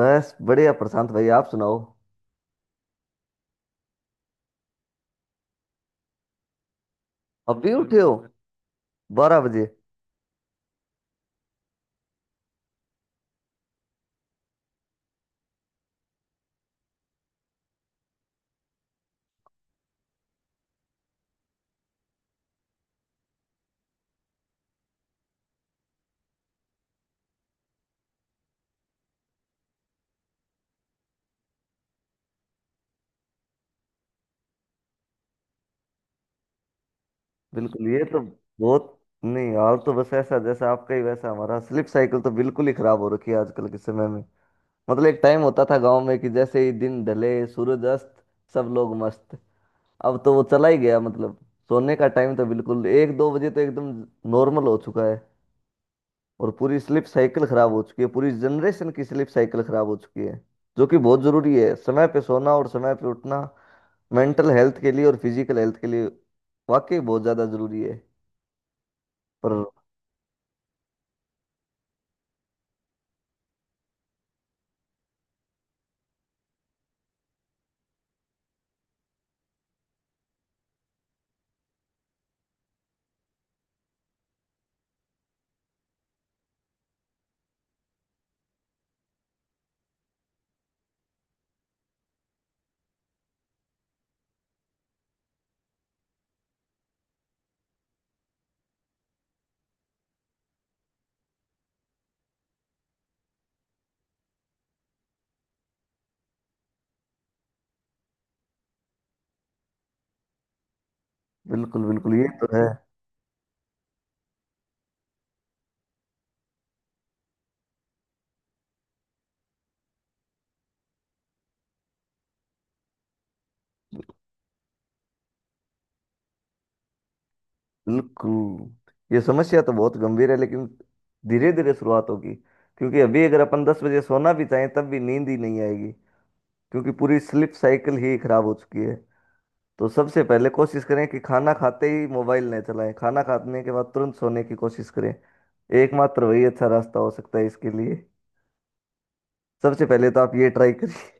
बस बढ़िया प्रशांत भाई, आप सुनाओ। अभी उठे हो बिल्कुल? 12 बजे? बिल्कुल ये तो बहुत। नहीं, हाल तो बस ऐसा जैसा आपका, ही वैसा हमारा। स्लिप साइकिल तो बिल्कुल ही खराब हो रखी है आजकल के समय में। मतलब एक टाइम होता था गांव में कि जैसे ही दिन ढले सूरज अस्त, सब लोग मस्त। अब तो वो चला ही गया। मतलब सोने का टाइम तो बिल्कुल 1-2 बजे तो एकदम नॉर्मल हो चुका है। और पूरी स्लिप साइकिल खराब हो चुकी है, पूरी जनरेशन की स्लिप साइकिल खराब हो चुकी है। जो कि बहुत जरूरी है समय पे सोना और समय पे उठना, मेंटल हेल्थ के लिए और फिजिकल हेल्थ के लिए। वाकई बहुत ज्यादा जरूरी है। पर बिल्कुल बिल्कुल, ये तो है। बिल्कुल। ये समस्या तो बहुत गंभीर है, लेकिन धीरे धीरे शुरुआत होगी। क्योंकि अभी अगर अपन 10 बजे सोना भी चाहें तब भी नींद ही नहीं आएगी, क्योंकि पूरी स्लीप साइकिल ही खराब हो चुकी है। तो सबसे पहले कोशिश करें कि खाना खाते ही मोबाइल न चलाएं, खाना खाने के बाद तुरंत सोने की कोशिश करें। एकमात्र वही अच्छा रास्ता हो सकता है इसके लिए। सबसे पहले तो आप ये ट्राई करिए।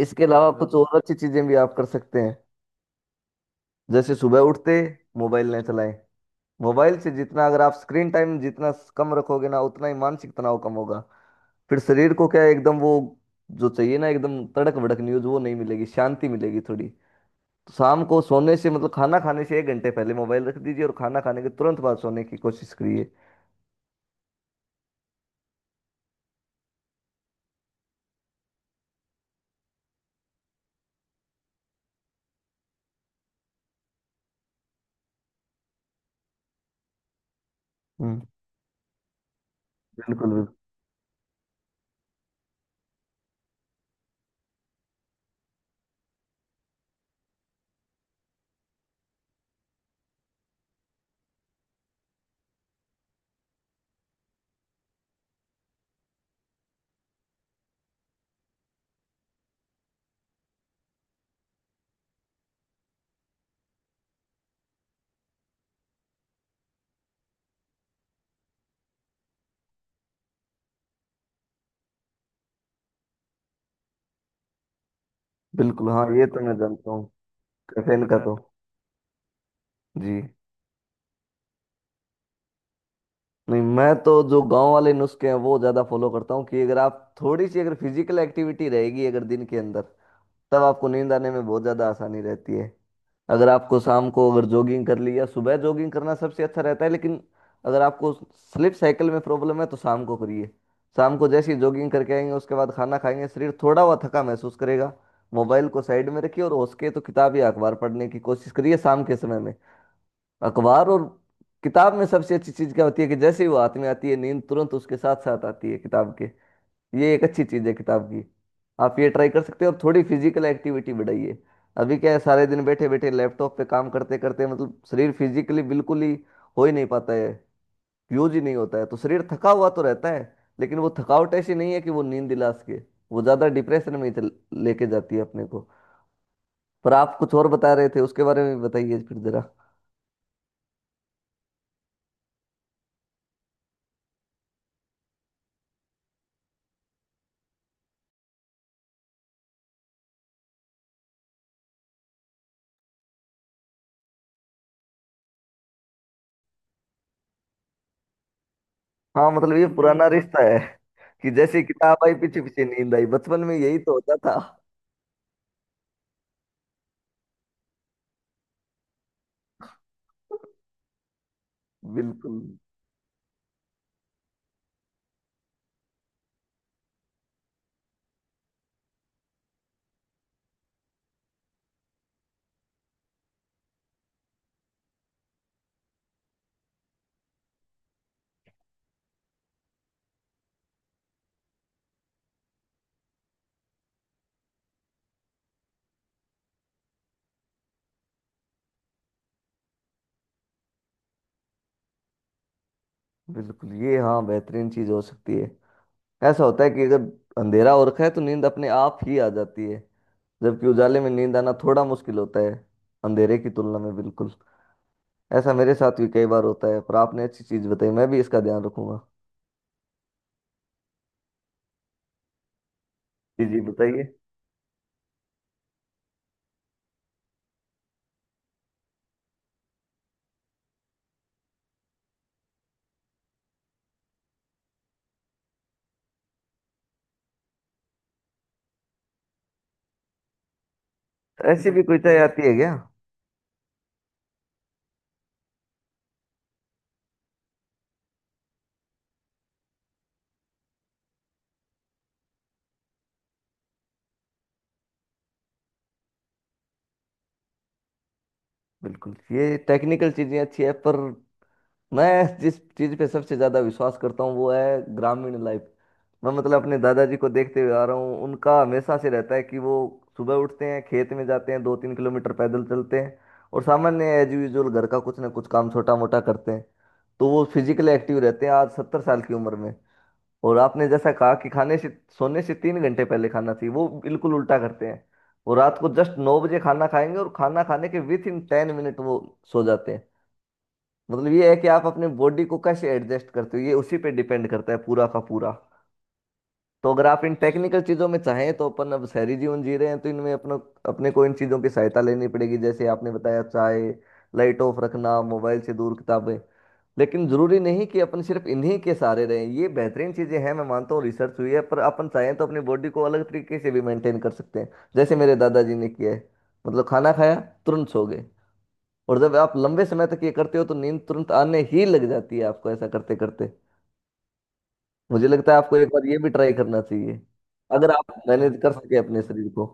इसके अलावा कुछ और अच्छी चीजें भी आप कर सकते हैं। जैसे सुबह उठते मोबाइल ना चलाएं। मोबाइल से जितना, अगर आप स्क्रीन टाइम जितना कम रखोगे ना, उतना ही मानसिक तनाव कम होगा। फिर शरीर को क्या है, एकदम वो जो चाहिए ना, एकदम तड़क भड़क न्यूज वो नहीं मिलेगी, शांति मिलेगी थोड़ी तो। शाम को सोने से मतलब खाना खाने से 1 घंटे पहले मोबाइल रख दीजिए, और खाना खाने के तुरंत बाद सोने की कोशिश करिए। हम्म। बिल्कुल बिल्कुल। बिल्कुल हाँ, ये तो मैं जानता हूँ। कैफीन का तो। जी। नहीं, मैं तो जो गांव वाले नुस्खे हैं वो ज्यादा फॉलो करता हूँ, कि अगर आप थोड़ी सी अगर फिजिकल एक्टिविटी रहेगी अगर दिन के अंदर, तब आपको नींद आने में बहुत ज़्यादा आसानी रहती है। अगर आपको शाम को अगर जॉगिंग कर ली, या सुबह जॉगिंग करना सबसे अच्छा रहता है, लेकिन अगर आपको स्लीप साइकिल में प्रॉब्लम है तो शाम को करिए। शाम को जैसे ही जॉगिंग करके आएंगे, उसके बाद खाना खाएंगे, शरीर थोड़ा हुआ थका महसूस करेगा। मोबाइल को साइड में रखिए, और हो सके तो किताब या अखबार पढ़ने की कोशिश करिए शाम के समय में। अखबार और किताब में सबसे अच्छी चीज़ क्या होती है, कि जैसे ही वो हाथ में आती है, नींद तुरंत उसके साथ साथ आती है, किताब के। ये एक अच्छी चीज है किताब की। आप ये ट्राई कर सकते हो, और थोड़ी फिजिकल एक्टिविटी बढ़ाइए। अभी क्या है, सारे दिन बैठे बैठे लैपटॉप पे काम करते करते मतलब शरीर फिजिकली बिल्कुल ही हो ही नहीं पाता है, यूज ही नहीं होता है, तो शरीर थका हुआ तो रहता है। लेकिन वो थकावट ऐसी नहीं है कि वो नींद दिला सके, वो ज्यादा डिप्रेशन में ही लेके जाती है अपने को। पर आप कुछ और बता रहे थे, उसके बारे में भी बताइए फिर जरा। हाँ, मतलब ये पुराना रिश्ता है, कि जैसे किताब आई पीछे पीछे नींद आई, बचपन में यही तो होता था। बिल्कुल बिल्कुल, ये हाँ, बेहतरीन चीज हो सकती है। ऐसा होता है कि जब अंधेरा हो रखा है तो नींद अपने आप ही आ जाती है, जबकि उजाले में नींद आना थोड़ा मुश्किल होता है, अंधेरे की तुलना में, बिल्कुल। ऐसा मेरे साथ भी कई बार होता है, पर आपने अच्छी चीज बताई, मैं भी इसका ध्यान रखूंगा। जी जी बताइए। ऐसी भी कोई चाय आती है क्या? बिल्कुल, ये टेक्निकल चीजें अच्छी है, पर मैं जिस चीज पे सबसे ज्यादा विश्वास करता हूँ वो है ग्रामीण लाइफ। मैं मतलब अपने दादाजी को देखते हुए आ रहा हूँ, उनका हमेशा से रहता है कि वो सुबह उठते हैं, खेत में जाते हैं, 2-3 किलोमीटर पैदल चलते हैं, और सामान्य एज यूजुअल घर का कुछ ना कुछ काम छोटा मोटा करते हैं। तो वो फिजिकली एक्टिव रहते हैं आज 70 साल की उम्र में। और आपने जैसा कहा कि खाने से सोने से 3 घंटे पहले खाना चाहिए, वो बिल्कुल उल्टा करते हैं। वो रात को जस्ट 9 बजे खाना खाएंगे और खाना खाने के विथ इन 10 मिनट वो सो जाते हैं। मतलब ये है कि आप अपने बॉडी को कैसे एडजस्ट करते हो, ये उसी पे डिपेंड करता है पूरा का पूरा। तो अगर आप इन टेक्निकल चीज़ों में चाहें, तो अपन अब शहरी जीवन जी रहे हैं तो इनमें अपना, अपने को इन चीज़ों की सहायता लेनी पड़ेगी। जैसे आपने बताया चाय, लाइट ऑफ रखना, मोबाइल से दूर, किताबें। लेकिन ज़रूरी नहीं कि अपन सिर्फ इन्हीं के सहारे रहें, ये बेहतरीन चीज़ें हैं मैं मानता हूँ, रिसर्च हुई है, पर अपन चाहें तो अपनी बॉडी को अलग तरीके से भी मेंटेन कर सकते हैं, जैसे मेरे दादाजी ने किया है। मतलब खाना खाया तुरंत सो गए। और जब आप लंबे समय तक ये करते हो तो नींद तुरंत आने ही लग जाती है आपको ऐसा करते करते। मुझे लगता है आपको एक बार ये भी ट्राई करना चाहिए, अगर आप मैनेज कर सके अपने शरीर को।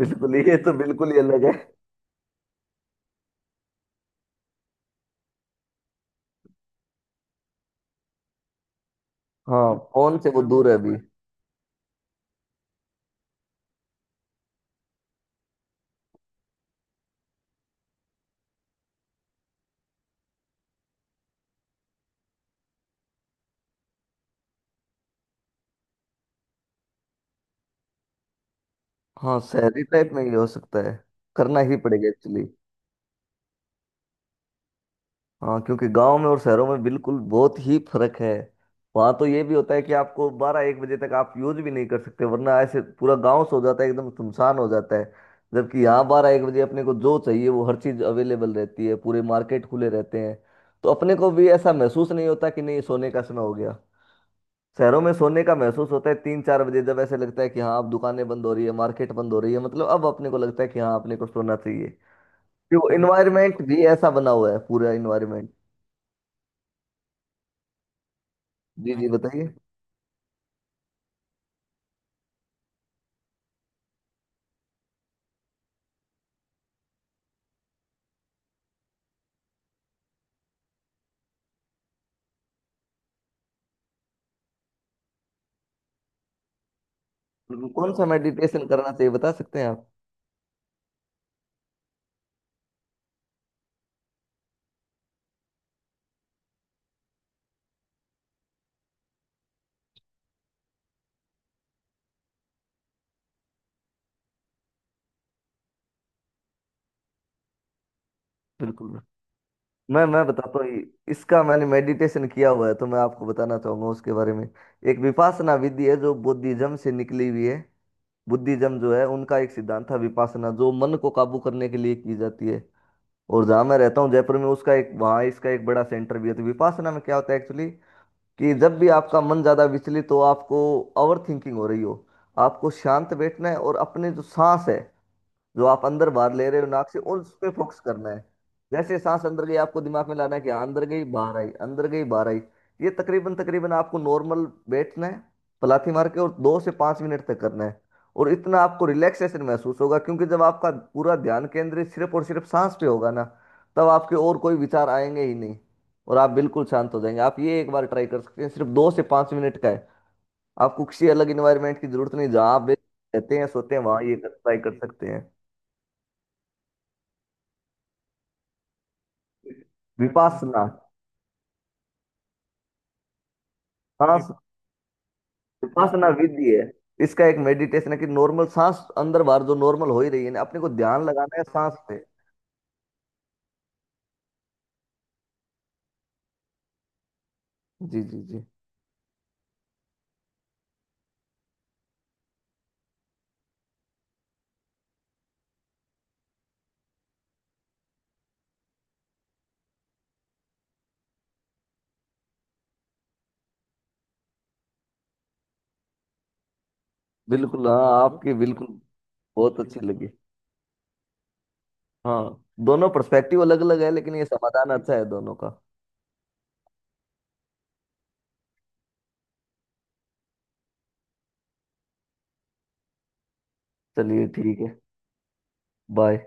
बिल्कुल, ये तो बिल्कुल ही अलग है। हाँ, फोन से वो दूर है अभी। हाँ, शहरी टाइप में ये हो सकता है, करना ही पड़ेगा एक्चुअली। हाँ, क्योंकि गांव में और शहरों में बिल्कुल बहुत ही फर्क है। वहां तो ये भी होता है कि आपको 12-1 बजे तक आप यूज भी नहीं कर सकते, वरना ऐसे पूरा गांव सो जाता है, एकदम सुनसान हो जाता है। जबकि यहाँ 12-1 बजे अपने को जो चाहिए वो हर चीज अवेलेबल रहती है, पूरे मार्केट खुले रहते हैं। तो अपने को भी ऐसा महसूस नहीं होता कि नहीं सोने का समय हो गया। शहरों में सोने का महसूस होता है 3-4 बजे, जब ऐसे लगता है कि हाँ अब दुकानें बंद हो रही है, मार्केट बंद हो रही है, मतलब अब अपने को लगता है कि हाँ अपने को सोना चाहिए। कि वो इन्वायरमेंट भी ऐसा बना हुआ है, पूरा इन्वायरमेंट। जी जी बताइए। बिल्कुल, कौन सा मेडिटेशन करना चाहिए बता सकते हैं आप? बिल्कुल। मैं बताता हूँ। इसका मैंने मेडिटेशन किया हुआ है, तो मैं आपको बताना चाहूंगा उसके बारे में। एक विपासना विधि है जो बुद्धिज्म से निकली हुई है। बुद्धिज्म जो है, उनका एक सिद्धांत था विपासना, जो मन को काबू करने के लिए की जाती है। और जहाँ मैं रहता हूँ जयपुर में, उसका एक वहाँ इसका एक बड़ा सेंटर भी है। तो विपासना में क्या होता है एक्चुअली, कि जब भी आपका मन ज़्यादा विचलित हो, आपको ओवर थिंकिंग हो रही हो, आपको शांत बैठना है और अपने जो सांस है जो आप अंदर बाहर ले रहे हो नाक से, उस पे फोकस करना है। जैसे सांस अंदर गई, आपको दिमाग में लाना है कि हाँ, अंदर गई बाहर आई, अंदर गई बाहर आई। ये तकरीबन तकरीबन, आपको नॉर्मल बैठना है पलाथी मार के, और 2 से 5 मिनट तक करना है। और इतना आपको रिलैक्सेशन महसूस होगा, क्योंकि जब आपका पूरा ध्यान केंद्रित सिर्फ और सिर्फ सांस पे होगा ना, तब आपके और कोई विचार आएंगे ही नहीं, और आप बिल्कुल शांत हो जाएंगे। आप ये एक बार ट्राई कर सकते हैं, सिर्फ 2 से 5 मिनट का है। आपको किसी अलग इन्वायरमेंट की जरूरत नहीं, जहाँ आप रहते हैं सोते हैं वहाँ ये ट्राई कर सकते हैं। विपासना। सांस, विपासना विधि है। इसका एक मेडिटेशन है, कि नॉर्मल सांस अंदर बाहर जो नॉर्मल हो ही रही है ना, अपने को ध्यान लगाना है सांस पे। जी जी जी। बिल्कुल हाँ, आपकी बिल्कुल बहुत अच्छी लगी। हाँ, दोनों पर्सपेक्टिव अलग अलग है, लेकिन ये समाधान अच्छा है दोनों का। चलिए ठीक है। बाय।